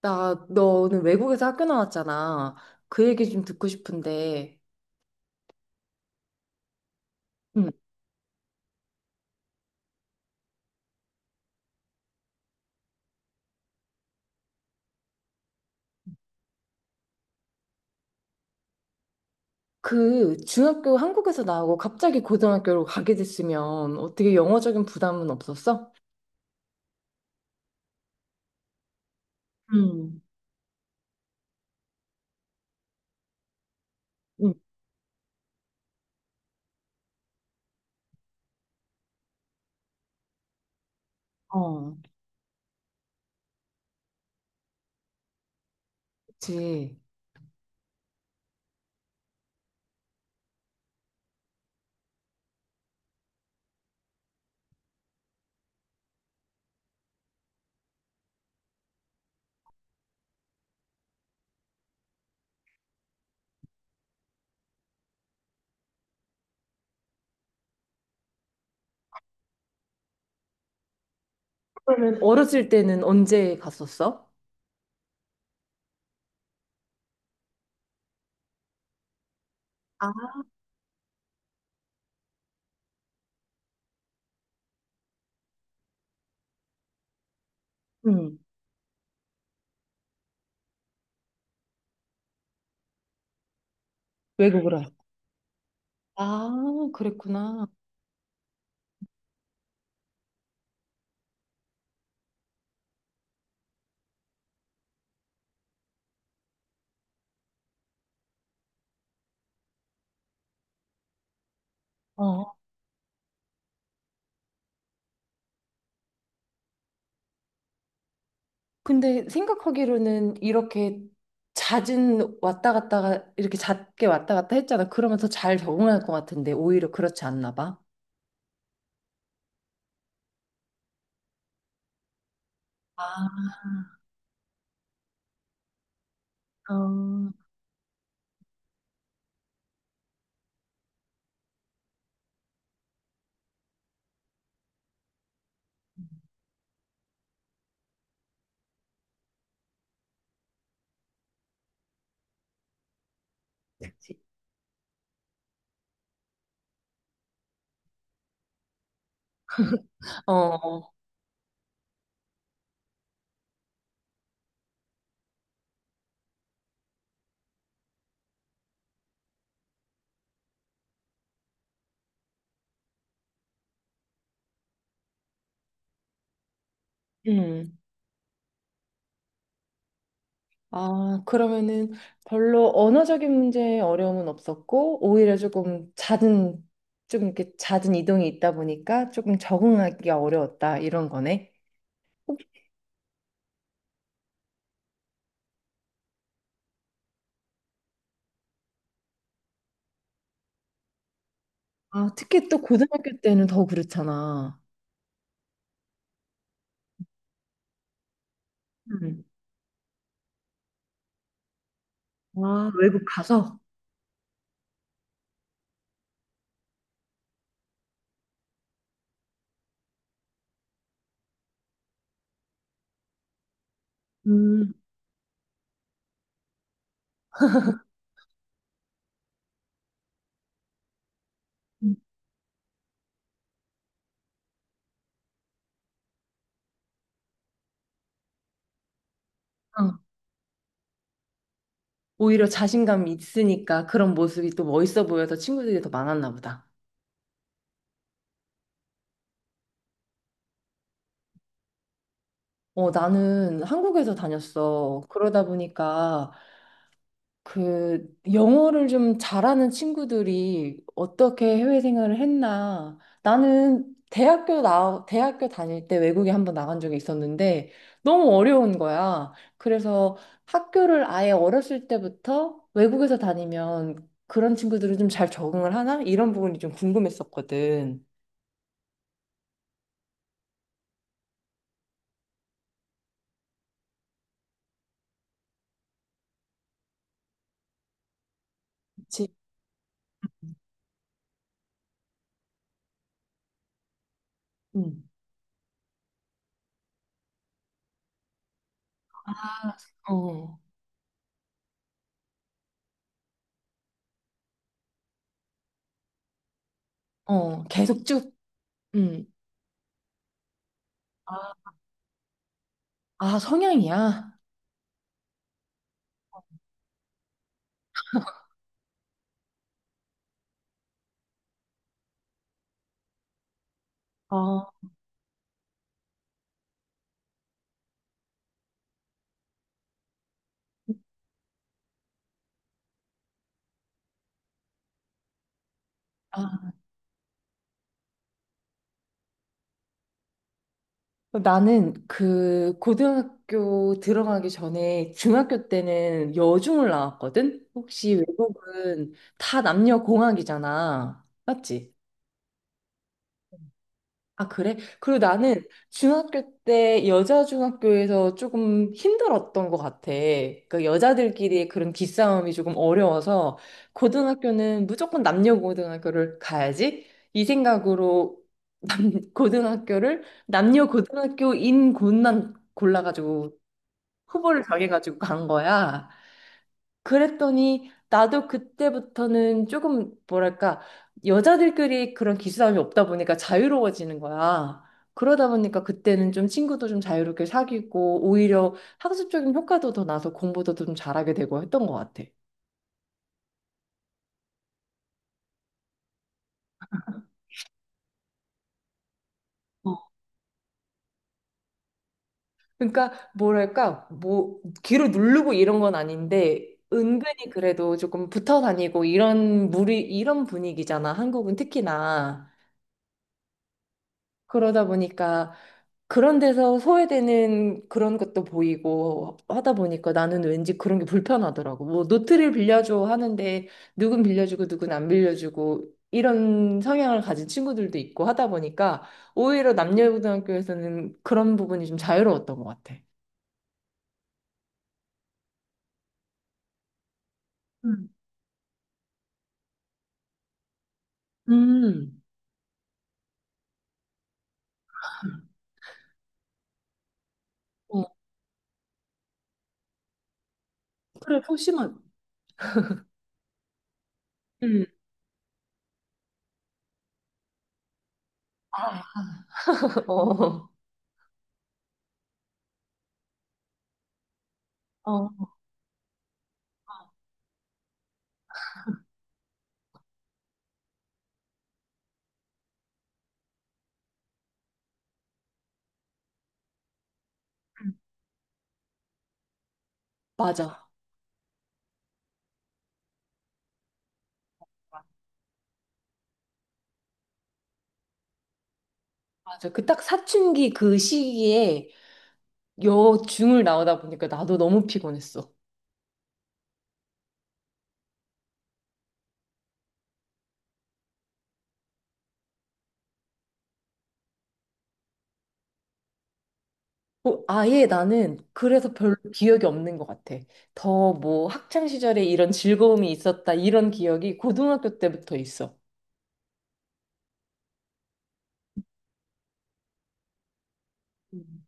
나, 너는 외국에서 학교 나왔잖아. 그 얘기 좀 듣고 싶은데, 음. 그 중학교 한국에서 나오고 갑자기 고등학교로 가게 됐으면 어떻게 영어적인 부담은 없었어? 음, 음, 어. 그치. 그러면 어렸을 때는 언제 갔었어? 아, 음, 외국으로. 아, 그랬구나. 어. 근데 생각하기로는 이렇게 잦은 왔다 갔다가 이렇게 잦게 왔다 갔다 했잖아. 그러면 더 잘 적응할 것 같은데 오히려 그렇지 않나 봐. 아, 어, 그치. 어, 어. 음. 아, 그러면은 별로 언어적인 문제에 어려움은 없었고 오히려 조금 잦은 좀 이렇게 잦은 이동이 있다 보니까 조금 적응하기가 어려웠다 이런 거네. 혹 아, 특히 또 고등학교 때는 더 그렇잖아. 음. 아, 외국 가서? 음. 어. 오히려 자신감이 있으니까 그런 모습이 또 멋있어 보여서 친구들이 더 많았나 보다. 어, 나는 한국에서 다녔어. 그러다 보니까 그 영어를 좀 잘하는 친구들이 어떻게 해외 생활을 했나. 나는 대학교 대학교 다닐 때 외국에 한번 나간 적이 있었는데 너무 어려운 거야. 그래서 학교를 아예 어렸을 때부터 외국에서 다니면 그런 친구들은 좀 잘 적응을 하나? 이런 부분이 좀 궁금했었거든. 지, 음. 어, 어, 계속 쭉, 음. 아, 아, 성향이야? 아, 아, 아, 나는 그 고등학교 들어가기 전에 중학교 때는 여중을 나왔거든? 혹시 외국은 다 남녀 공학이잖아. 맞지? 아, 그래? 그리고 나는 중학교 때 여자 중학교에서 조금 힘들었던 것 같아. 그러니까 여자들끼리의 그런 기싸움이 조금 어려워서 고등학교는 무조건 남녀 고등학교를 가야지 이 생각으로 고등학교를 남녀 고등학교인 곳만 골라가지고 후보를 정해가지고 간 거야. 그랬더니 나도 그때부터는 조금 뭐랄까 여자들끼리 그런 기싸움이 없다 보니까 자유로워지는 거야. 그러다 보니까 그때는 좀 친구도 좀 자유롭게 사귀고 오히려 학습적인 효과도 더 나서 공부도 좀 잘하게 되고 했던 것 같아. 어, 그러니까 뭐랄까 뭐 귀로 누르고 이런 건 아닌데 은근히 그래도 조금 붙어 다니고 이런 무리 이런 분위기잖아. 한국은 특히나. 그러다 보니까 그런 데서 소외되는 그런 것도 보이고 하다 보니까 나는 왠지 그런 게 불편하더라고. 뭐 노트를 빌려줘 하는데 누군 빌려주고 누군 안 빌려주고 이런 성향을 가진 친구들도 있고 하다 보니까 오히려 남녀고등학교에서는 그런 부분이 좀 자유로웠던 것 같아. 음. 음. 어, 그래, 소심한. 음. 아. 어. 어. 맞아. 맞아. 그 딱 사춘기 그 시기에 여중을 나오다 보니까 나도 너무 피곤했어. 어, 아예 나는 그래서 별로 기억이 없는 것 같아. 더 뭐 학창 시절에 이런 즐거움이 있었다 이런 기억이 고등학교 때부터 있어. 음.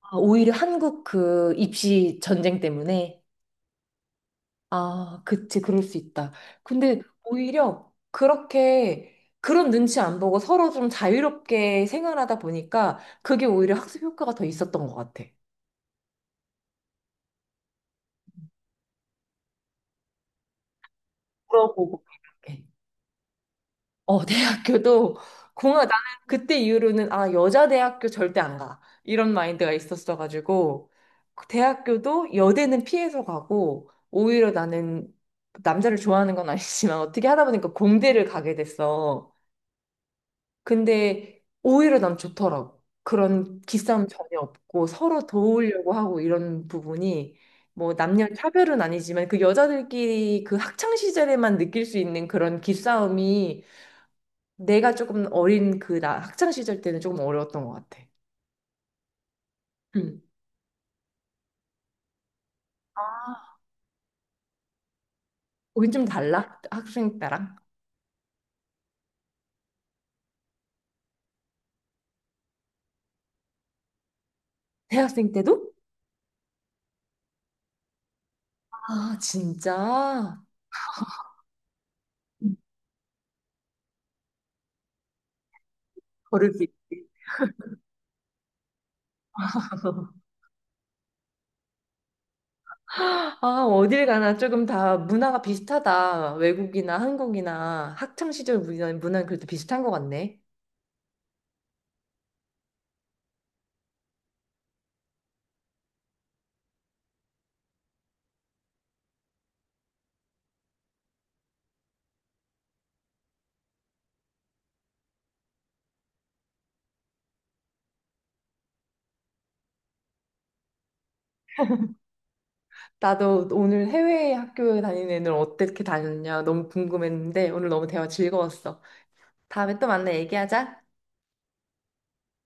아, 오히려 한국 그 입시 전쟁 때문에 아, 그치 그럴 수 있다. 근데 오히려 그렇게 그런 눈치 안 보고 서로 좀 자유롭게 생활하다 보니까 그게 오히려 학습 효과가 더 있었던 것 같아. 물어보고 이렇게. 어, 대학교도 공학, 나는 그때 이후로는 아, 여자 대학교 절대 안 가. 이런 마인드가 있었어가지고, 그 대학교도 여대는 피해서 가고, 오히려 나는 남자를 좋아하는 건 아니지만 어떻게 하다 보니까 공대를 가게 됐어. 근데 오히려 난 좋더라고. 그런 기싸움 전혀 없고 서로 도우려고 하고 이런 부분이 뭐 남녀 차별은 아니지만 그 여자들끼리 그 학창 시절에만 느낄 수 있는 그런 기싸움이 내가 조금 어린 그 나 학창 시절 때는 조금 어려웠던 것 같아. 음. 우린 좀 달라? 학생 때랑 대학생 때도? 아 진짜? 음. 거를 수 있지. 아 어딜 가나 조금 다 문화가 비슷하다. 외국이나 한국이나 학창 시절 문화는 그래도 비슷한 것 같네. 나도 오늘 해외 학교 다니는 애들 어떻게 다녔냐 너무 궁금했는데 오늘 너무 대화 즐거웠어. 다음에 또 만나 얘기하자.